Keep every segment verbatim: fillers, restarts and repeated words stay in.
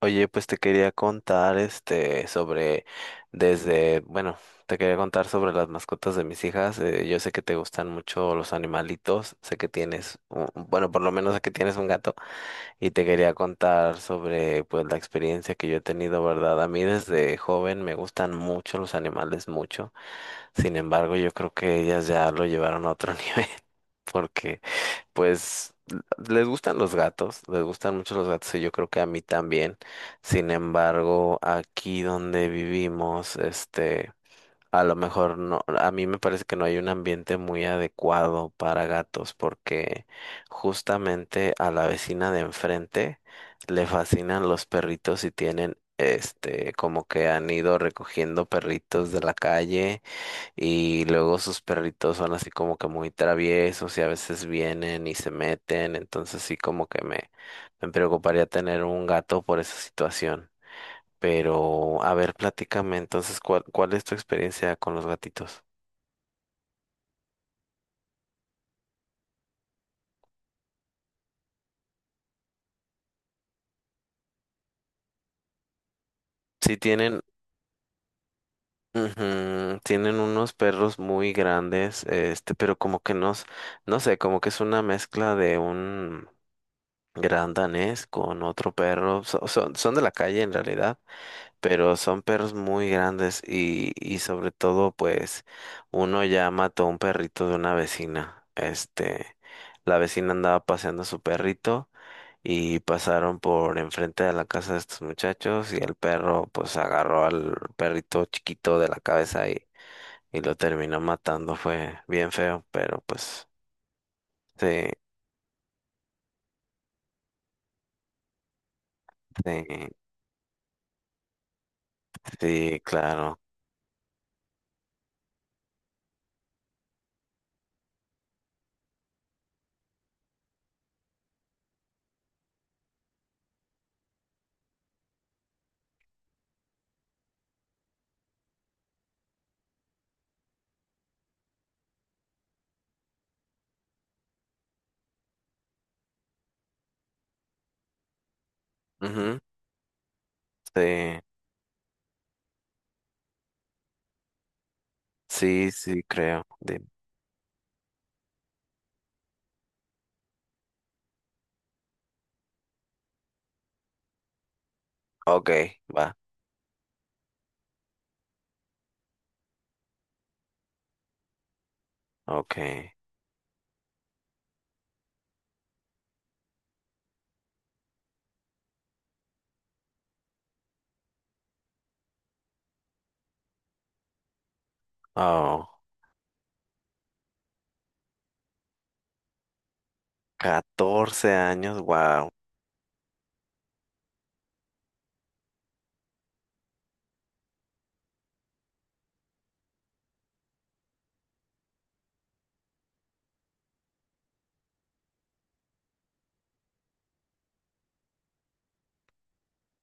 Oye, pues te quería contar este sobre desde, bueno, te quería contar sobre las mascotas de mis hijas. Eh, yo sé que te gustan mucho los animalitos, sé que tienes, un- bueno, por lo menos sé que tienes un gato y te quería contar sobre pues la experiencia que yo he tenido, ¿verdad? A mí desde joven me gustan mucho los animales, mucho. Sin embargo, yo creo que ellas ya lo llevaron a otro nivel porque pues les gustan los gatos, les gustan mucho los gatos y yo creo que a mí también. Sin embargo, aquí donde vivimos, este, a lo mejor no, a mí me parece que no hay un ambiente muy adecuado para gatos porque justamente a la vecina de enfrente le fascinan los perritos y tienen, este, como que han ido recogiendo perritos de la calle y luego sus perritos son así como que muy traviesos y a veces vienen y se meten, entonces sí como que me, me preocuparía tener un gato por esa situación. Pero, a ver, platícame entonces, ¿cuál, cuál es tu experiencia con los gatitos? Sí tienen, ujú, tienen unos perros muy grandes, este, pero como que no, s- no sé, como que es una mezcla de un gran danés con otro perro, so- son son de la calle en realidad, pero son perros muy grandes y, y sobre todo pues uno ya mató a un perrito de una vecina. Este, la vecina andaba paseando a su perrito y pasaron por enfrente de la casa de estos muchachos y el perro pues agarró al perrito chiquito de la cabeza y, y lo terminó matando. Fue bien feo, pero pues sí, sí, sí, claro. Ujú, sí, sí, sí, creo. Dime. Ok, va, ok. Oh. Catorce años, wow.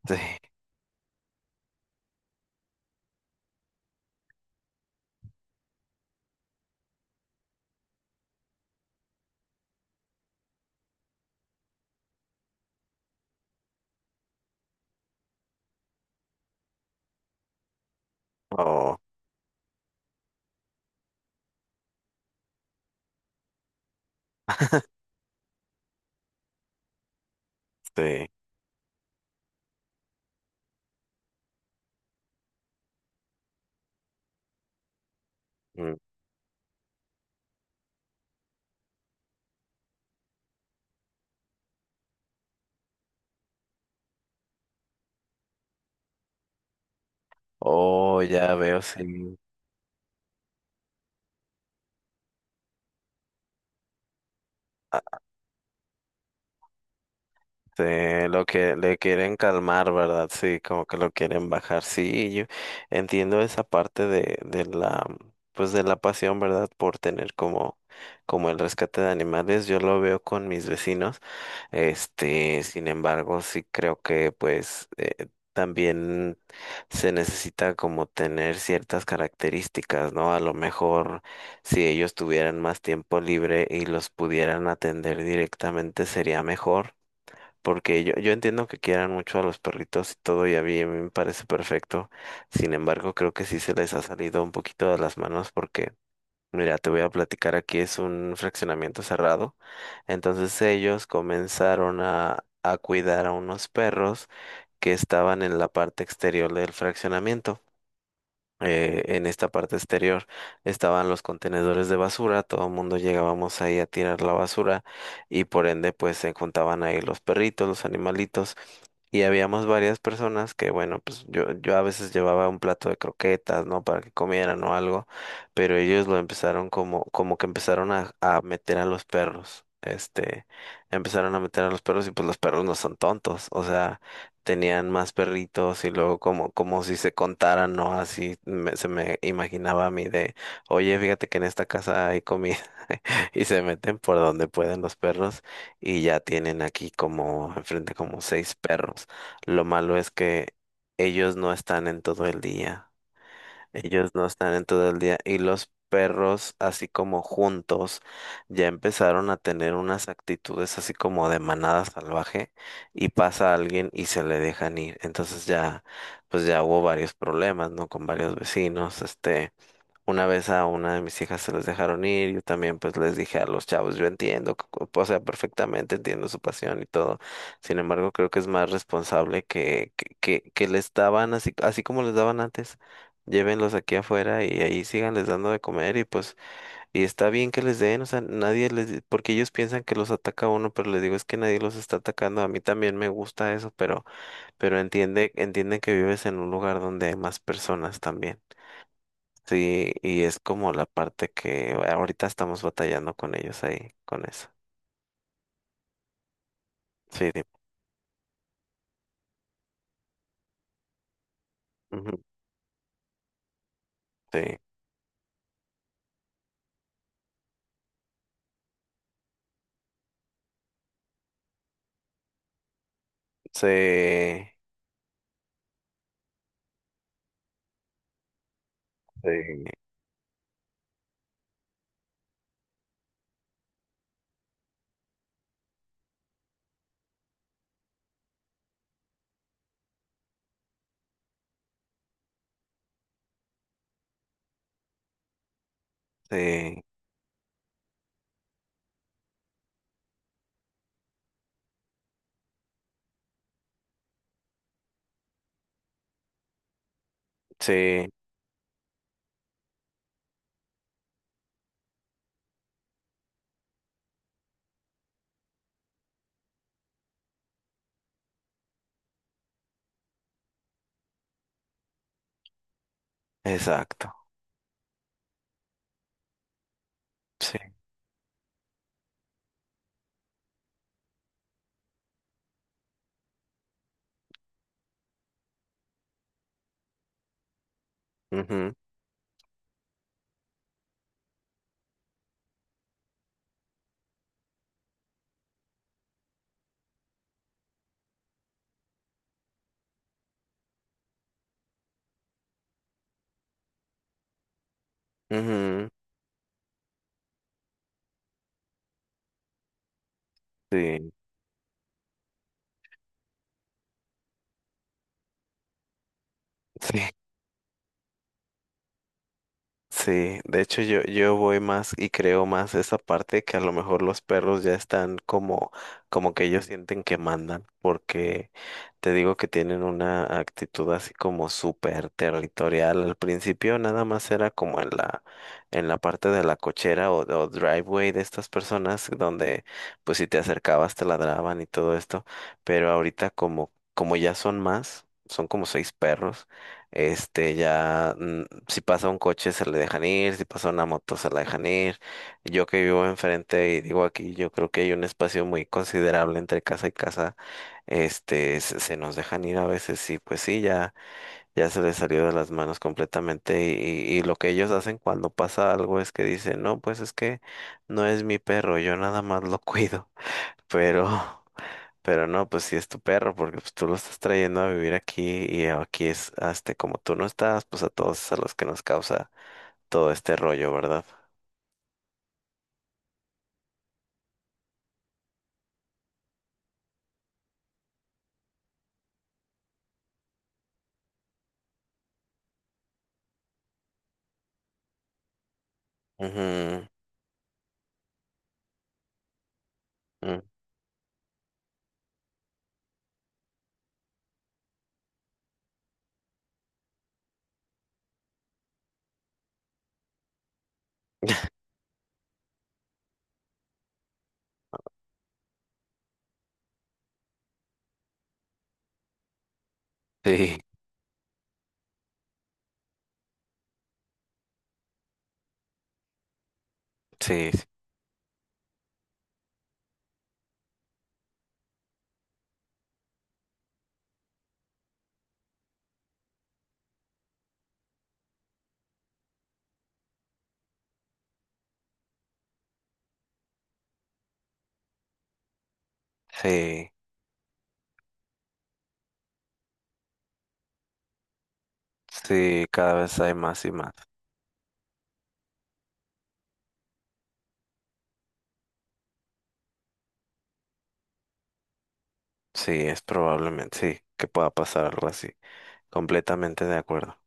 Sí, oh, sí. Mm. Oh, ya veo, sí. Sí, lo que le quieren calmar, ¿verdad? Sí, como que lo quieren bajar. Sí, yo entiendo esa parte de, de la, pues de la pasión, ¿verdad? Por tener como, como el rescate de animales. Yo lo veo con mis vecinos. Este, sin embargo, sí creo que pues eh, también se necesita como tener ciertas características, ¿no? A lo mejor si ellos tuvieran más tiempo libre y los pudieran atender directamente sería mejor porque yo, yo entiendo que quieran mucho a los perritos y todo, y a mí, a mí me parece perfecto. Sin embargo, creo que sí se les ha salido un poquito de las manos porque, mira, te voy a platicar aquí, es un fraccionamiento cerrado. Entonces ellos comenzaron a, a cuidar a unos perros que estaban en la parte exterior del fraccionamiento, eh, en esta parte exterior estaban los contenedores de basura, todo el mundo llegábamos ahí a tirar la basura y por ende pues se juntaban ahí los perritos, los animalitos, y habíamos varias personas que bueno, pues yo, yo a veces llevaba un plato de croquetas, ¿no? Para que comieran o algo, pero ellos lo empezaron como, como que empezaron a, a meter a los perros. Este, empezaron a meter a los perros y pues los perros no son tontos, o sea, tenían más perritos y luego como, como si se contaran, ¿no? Así me- se me imaginaba a mí de, oye, fíjate que en esta casa hay comida y se meten por donde pueden los perros y ya tienen aquí como enfrente como seis perros. Lo malo es que ellos no están en todo el día. Ellos no están en todo el día y los perros, así como juntos, ya empezaron a tener unas actitudes así como de manada salvaje y pasa alguien y se le dejan ir. Entonces ya, pues ya hubo varios problemas, ¿no? Con varios vecinos, este. Una vez a una de mis hijas se les dejaron ir, yo también pues les dije a los chavos, yo entiendo, c- c- o sea, perfectamente entiendo su pasión y todo. Sin embargo, creo que es más responsable que, que, que, que les daban así, así como les daban antes. Llévenlos aquí afuera y ahí síganles dando de comer y pues, y está bien que les den, o sea, nadie les, di- porque ellos piensan que los ataca uno, pero les digo es que nadie los está atacando. A mí también me gusta eso, pero, pero entiende, entiende que vives en un lugar donde hay más personas también. Sí, y es como la parte que ahorita estamos batallando con ellos ahí, con eso. Sí, di- ujú, sí, sí, sí, sí, sí, exacto, sí, ujú, ujú, sí, sí, sí, de hecho yo, yo voy más y creo más esa parte que a lo mejor los perros ya están como, como que ellos sienten que mandan, porque te digo que tienen una actitud así como súper territorial. Al principio nada más era como en la, en la parte de la cochera o, o driveway de estas personas donde pues si te acercabas te ladraban y todo esto, pero ahorita como, como ya son más, son como seis perros. Este, ya, mm, si pasa un coche se le dejan ir, si pasa una moto se la dejan ir. Yo que vivo enfrente y digo aquí, yo creo que hay un espacio muy considerable entre casa y casa. Este, se, se nos dejan ir a veces y pues sí, ya, ya se les salió de las manos completamente y, y y lo que ellos hacen cuando pasa algo es que dicen, no, pues es que no es mi perro, yo nada más lo cuido, pero... Pero no, pues sí es tu perro, porque pues, tú lo estás trayendo a vivir aquí y aquí es, este, como tú no estás, pues a todos es a los que nos causa todo este rollo, ¿verdad? Ujú, mm, sí, sí, sí, sí, cada vez hay más y más. Sí, es probablemente, sí, que pueda pasar algo así. Completamente de acuerdo.